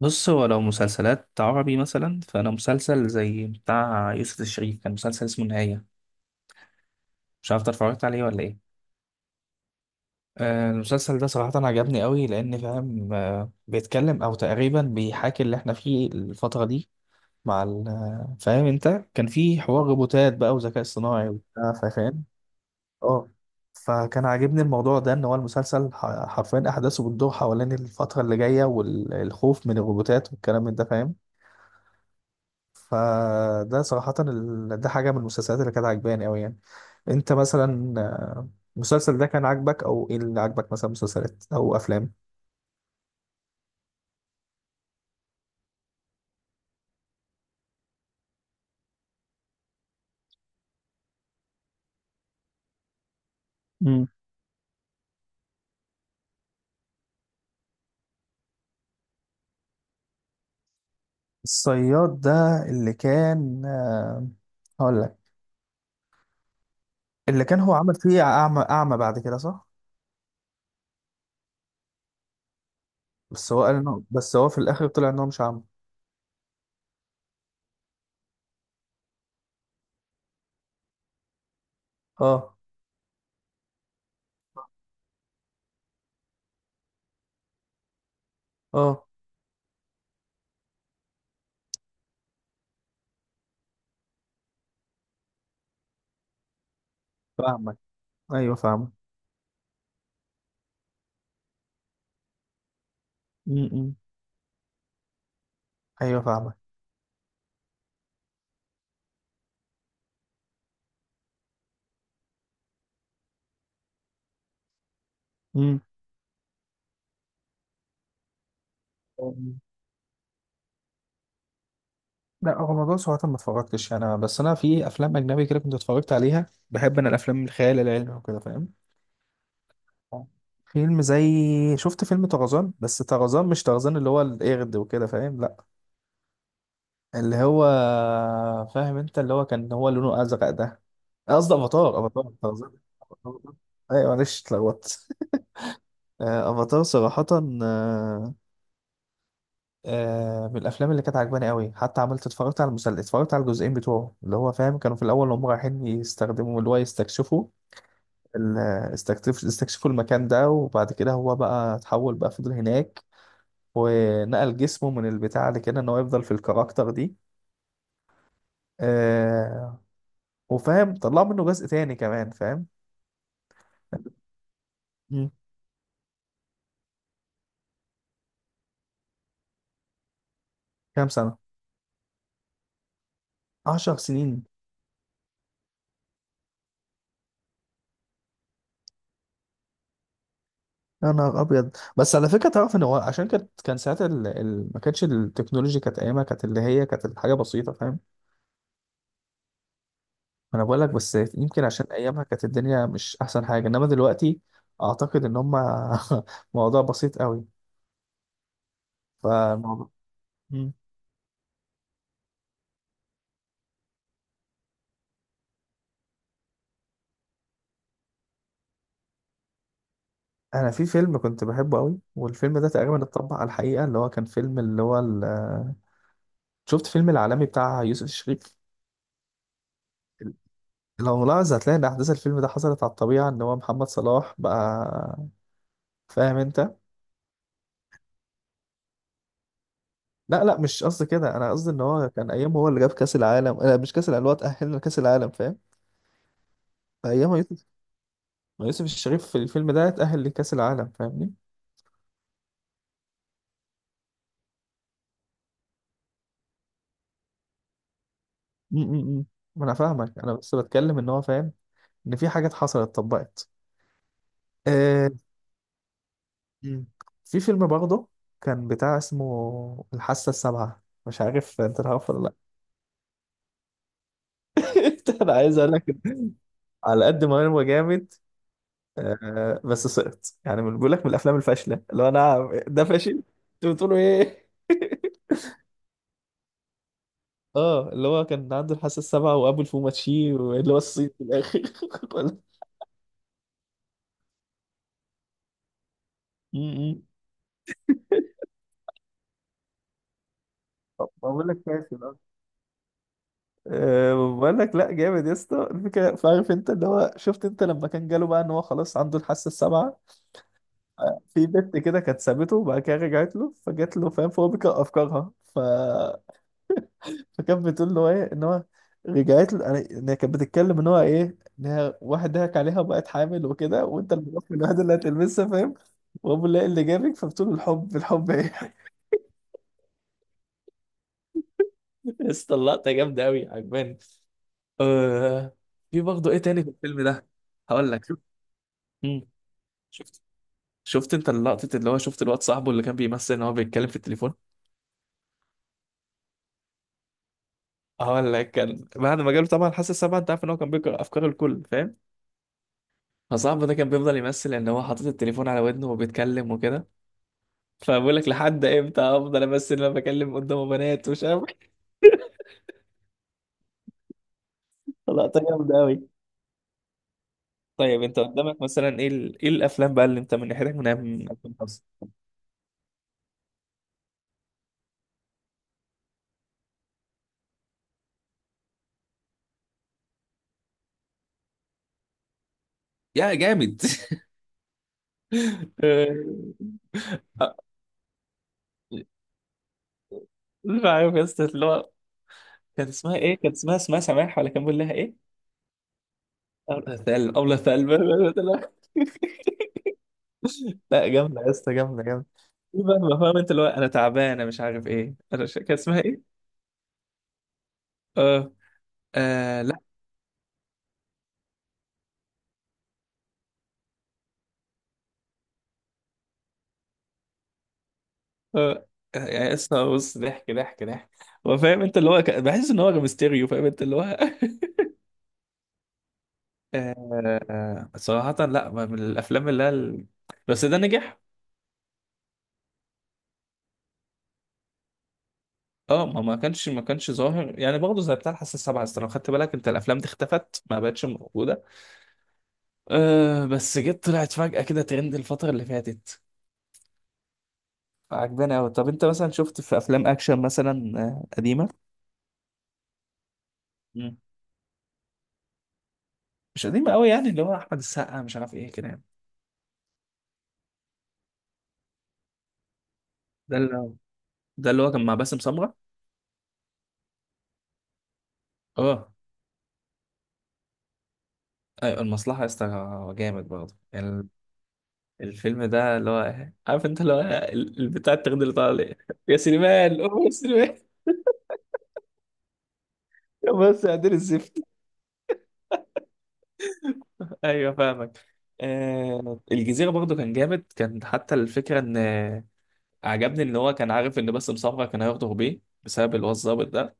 بص، هو لو مسلسلات عربي مثلا فانا مسلسل زي بتاع يوسف الشريف كان مسلسل اسمه النهاية. مش عارف إنت اتفرجت عليه ولا ايه؟ المسلسل ده صراحة عجبني قوي لأن فاهم، بيتكلم أو تقريبا بيحاكي اللي احنا فيه الفترة دي مع فاهم انت. كان في حوار روبوتات بقى وذكاء اصطناعي وبتاع فاهم. اه. فكان عاجبني الموضوع ده ان هو المسلسل حرفيا احداثه بتدور حوالين الفترة اللي جاية والخوف من الروبوتات والكلام من ده فاهم. فده صراحة ده حاجة من المسلسلات اللي كانت عجباني أوي يعني. أنت مثلا، المسلسل ده كان عاجبك أو إيه اللي عاجبك مثلا مسلسلات أو أفلام؟ امم. الصياد ده اللي كان، هقول لك، اللي كان هو عمل فيه أعمى أعمى بعد كده صح؟ بس هو قال إنه، بس هو في الآخر طلع إن هو مش أعمى. أه، أه، فاهمك. أيوه فاهمك. م- م. أيوه فاهمك. امم. لا، هو موضوع صراحة ما اتفرجتش يعني، انا بس انا في افلام اجنبي كده كنت اتفرجت عليها، بحب انا الافلام الخيال العلمي وكده فاهم. آه. فيلم زي شفت فيلم طرزان، بس طرزان مش طرزان اللي هو القرد وكده فاهم؟ لا، اللي هو فاهم انت، اللي هو كان هو لونه ازرق ده. قصدي افاتار، افاتار طرزان. أفاتار. ايوه، معلش اتلخبطت افاتار صراحة. آه، من الافلام اللي كانت عجباني قوي، حتى عملت اتفرجت على المسلسل، اتفرجت على الجزئين بتوعه اللي هو فاهم، كانوا في الاول هم رايحين يستخدموا اللي هو يستكشفوا ال- استكشفوا المكان ده، وبعد كده هو بقى اتحول بقى فضل هناك، ونقل جسمه من البتاع اللي كده ان هو يفضل في الكاركتر دي. آه، وفاهم طلعوا منه جزء تاني كمان فاهم. مم. كام سنة؟ 10 سنين. يا نهار ابيض. بس على فكره، تعرف ان هو عشان كانت، كان ساعتها ما كانتش التكنولوجيا، كانت ايامها كانت اللي هي كانت الحاجه بسيطه فاهم. انا بقول لك، بس يمكن عشان ايامها كانت الدنيا مش احسن حاجه انما دلوقتي، اعتقد ان هم موضوع بسيط قوي. فالموضوع. مم. انا في فيلم كنت بحبه قوي، والفيلم ده تقريبا اتطبق على الحقيقه، اللي هو كان فيلم اللي هو شفت فيلم العالمي بتاع يوسف الشريف. لو ملاحظ هتلاقي ان احداث الفيلم ده حصلت على الطبيعه، ان هو محمد صلاح بقى فاهم انت. لا لا مش قصدي كده، انا قصدي ان هو كان ايام هو اللي جاب كاس العالم، لا مش كاس العالم، اللي هو تاهلنا لكاس العالم فاهم. ايام ما يوسف الشريف في الفيلم ده اتأهل لكأس العالم فاهمني. م- م- م. ما انا فاهمك، انا بس بتكلم ان هو فاهم، ان في حاجات حصلت اتطبقت. آه. م. في فيلم برضه كان بتاع اسمه الحاسة السابعة، مش عارف انت تعرفه ولا لا؟ انا عايز اقول لك، على قد ما هو جامد، بس سقط. يعني بيقول لك من الافلام الفاشله اللي هو، انا ده فاشل، انتوا بتقولوا ايه اه، اللي هو كان عنده الحاسه السابعه وابو الفوماتشي واللي هو الصيت في الاخر ولا- م- م. طب بقول لك كاسب أصلاً. أه بقول لك لا، جامد يا اسطى الفكره. فعارف انت اللي هو شفت انت لما كان جاله بقى ان هو خلاص عنده الحاسه السابعه، في بنت كده كانت سابته وبعد كده رجعت له، فجات له فاهم، فهو بيقرا افكارها، ف فكانت بتقول له ايه ان هو رجعت له، ان هي كانت بتتكلم ان هو ايه، ان هي واحد ضحك عليها وبقت حامل وكده، وانت الملف الوحيد اللي هتلمسها فاهم، وابو اللي جابك، فبتقول له الحب الحب ايه يا اسطى اللقطه جامده قوي عجباني. آه في برضه ايه تاني في الفيلم ده؟ هقول لك شوف. مم. شفت شفت انت اللقطة اللي هو شفت الواد صاحبه اللي كان بيمثل ان هو بيتكلم في التليفون. هقول لك، كان بعد ما جاله طبعا حاسس سبعة، انت عارف ان هو كان بيقرا افكار الكل فاهم، فصاحبه ده كان بيفضل يمثل ان هو حاطط التليفون على ودنه وبيتكلم وكده، فبقول لك لحد امتى افضل امثل ان انا بكلم قدامه بنات ومش عارف إيه؟ لقطة جامدة قوي. طيب انت قدامك مثلا ايه ايه الافلام بقى اللي انت من ناحيتك من أيام 2005؟ يا جامد آه، عارف يا اسطى اللي هو، كانت اسمها ايه؟ كانت اسمها سماح ولا كان بيقول لها ايه؟ أولى ثقل، أولى ثقل لا جامدة يا اسطى، جامدة جامدة. في بقى ما فاهم انت اللي هو، انا تعبانة مش عارف ايه، انا كان اسمها ايه؟ اه. آه. لا. آه. يا اسطى بص، ضحك ضحك ضحك. هو فاهم انت اللي هو بحس ان هو ميستيريو فاهم انت اللي هو صراحة لا، ما من الافلام اللي هي بس ده نجح. اه، ما كانش ظاهر يعني برضه زي بتاع الحاسه السابعه، أصل لو خدت بالك انت، الافلام دي اختفت ما بقتش موجوده. أه بس جت طلعت فجأة كده ترند الفتره اللي فاتت. عجباني قوي. طب انت مثلا شفت في افلام اكشن مثلا، قديمه؟ مم. مش قديمه قوي يعني، اللي هو احمد السقا مش عارف ايه كده يعني. ده اللي هو ده اللي هو كان مع باسم سمره. اه، ايوه المصلحه يا اسطى، جامد برضه يعني. الفيلم ده اللي هو، عارف انت اللي هو البتاع الترند اللي طالع يا سليمان، أوه يا سليمان يا بس يا عدل الزفت. ايوه فاهمك. الجزيره برضه كان جامد، كان حتى الفكره ان عجبني ان هو كان عارف ان باسم سمره كان هياخده بيه بسبب اللي هو الظابط ده.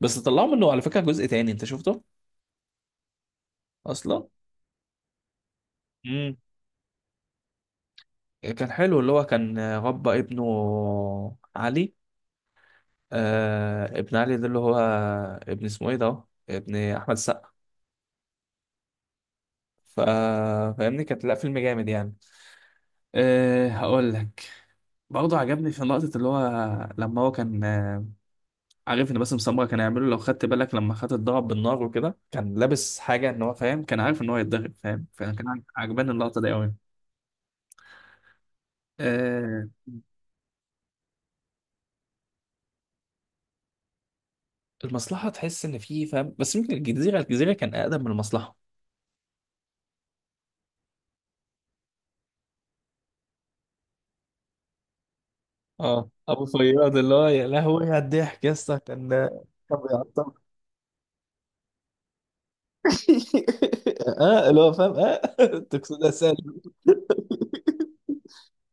بس طلعوا منه على فكره جزء تاني، انت شفته اصلا؟ امم. كان حلو، اللي هو كان ربى ابنه علي. آه، ابن علي ده اللي هو ابن، اسمه ايه ده، ابن احمد السقا. ف- فاهمني، كانت لا فيلم جامد يعني. أه هقول لك، برضه عجبني في نقطة اللي هو لما هو كان عارف ان باسم سمرة كان هيعمله، لو خدت بالك لما خد الضرب بالنار وكده، كان لابس حاجه ان هو فاهم، كان عارف ان هو يتضرب فاهم، فكان عجباني اللقطه دي قوي. آه، المصلحه تحس ان في فاهم، بس يمكن الجزيره، الجزيره كان اقدم من المصلحه. اه، ابو فياض اللي هو، يا لهوي على الضحك يا اسطى، كان بيعطل اه اللي هو فاهم اه تقصدها سالم.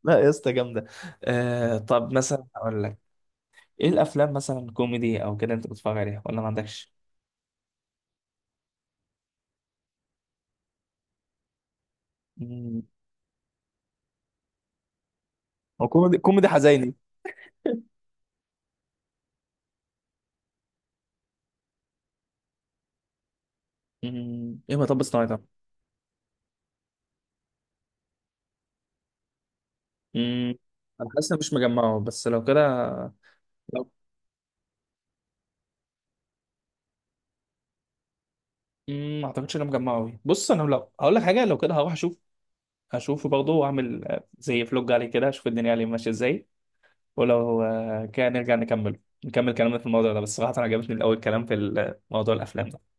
لا يا اسطى جامده. طب مثلا اقول لك، ايه الافلام مثلا كوميدي او كده انت بتتفرج عليها ولا ما عندكش؟ هو كوميدي، كوميدي حزيني. ايه مطب صناعي ده؟ مم، انا حاسس إن مش مجمعه، بس لو كده لو مم، ما اعتقدش ان انا مجمعه أوي. بص انا لو هقول لك حاجه لو كده هروح اشوف، هشوفه برضه واعمل زي فلوج عليه كده، اشوف الدنيا عليه ماشيه ازاي. ولو كده نرجع نكمل كلامنا في الموضوع ده، بس صراحه انا عجبتني الاول كلام في موضوع الافلام.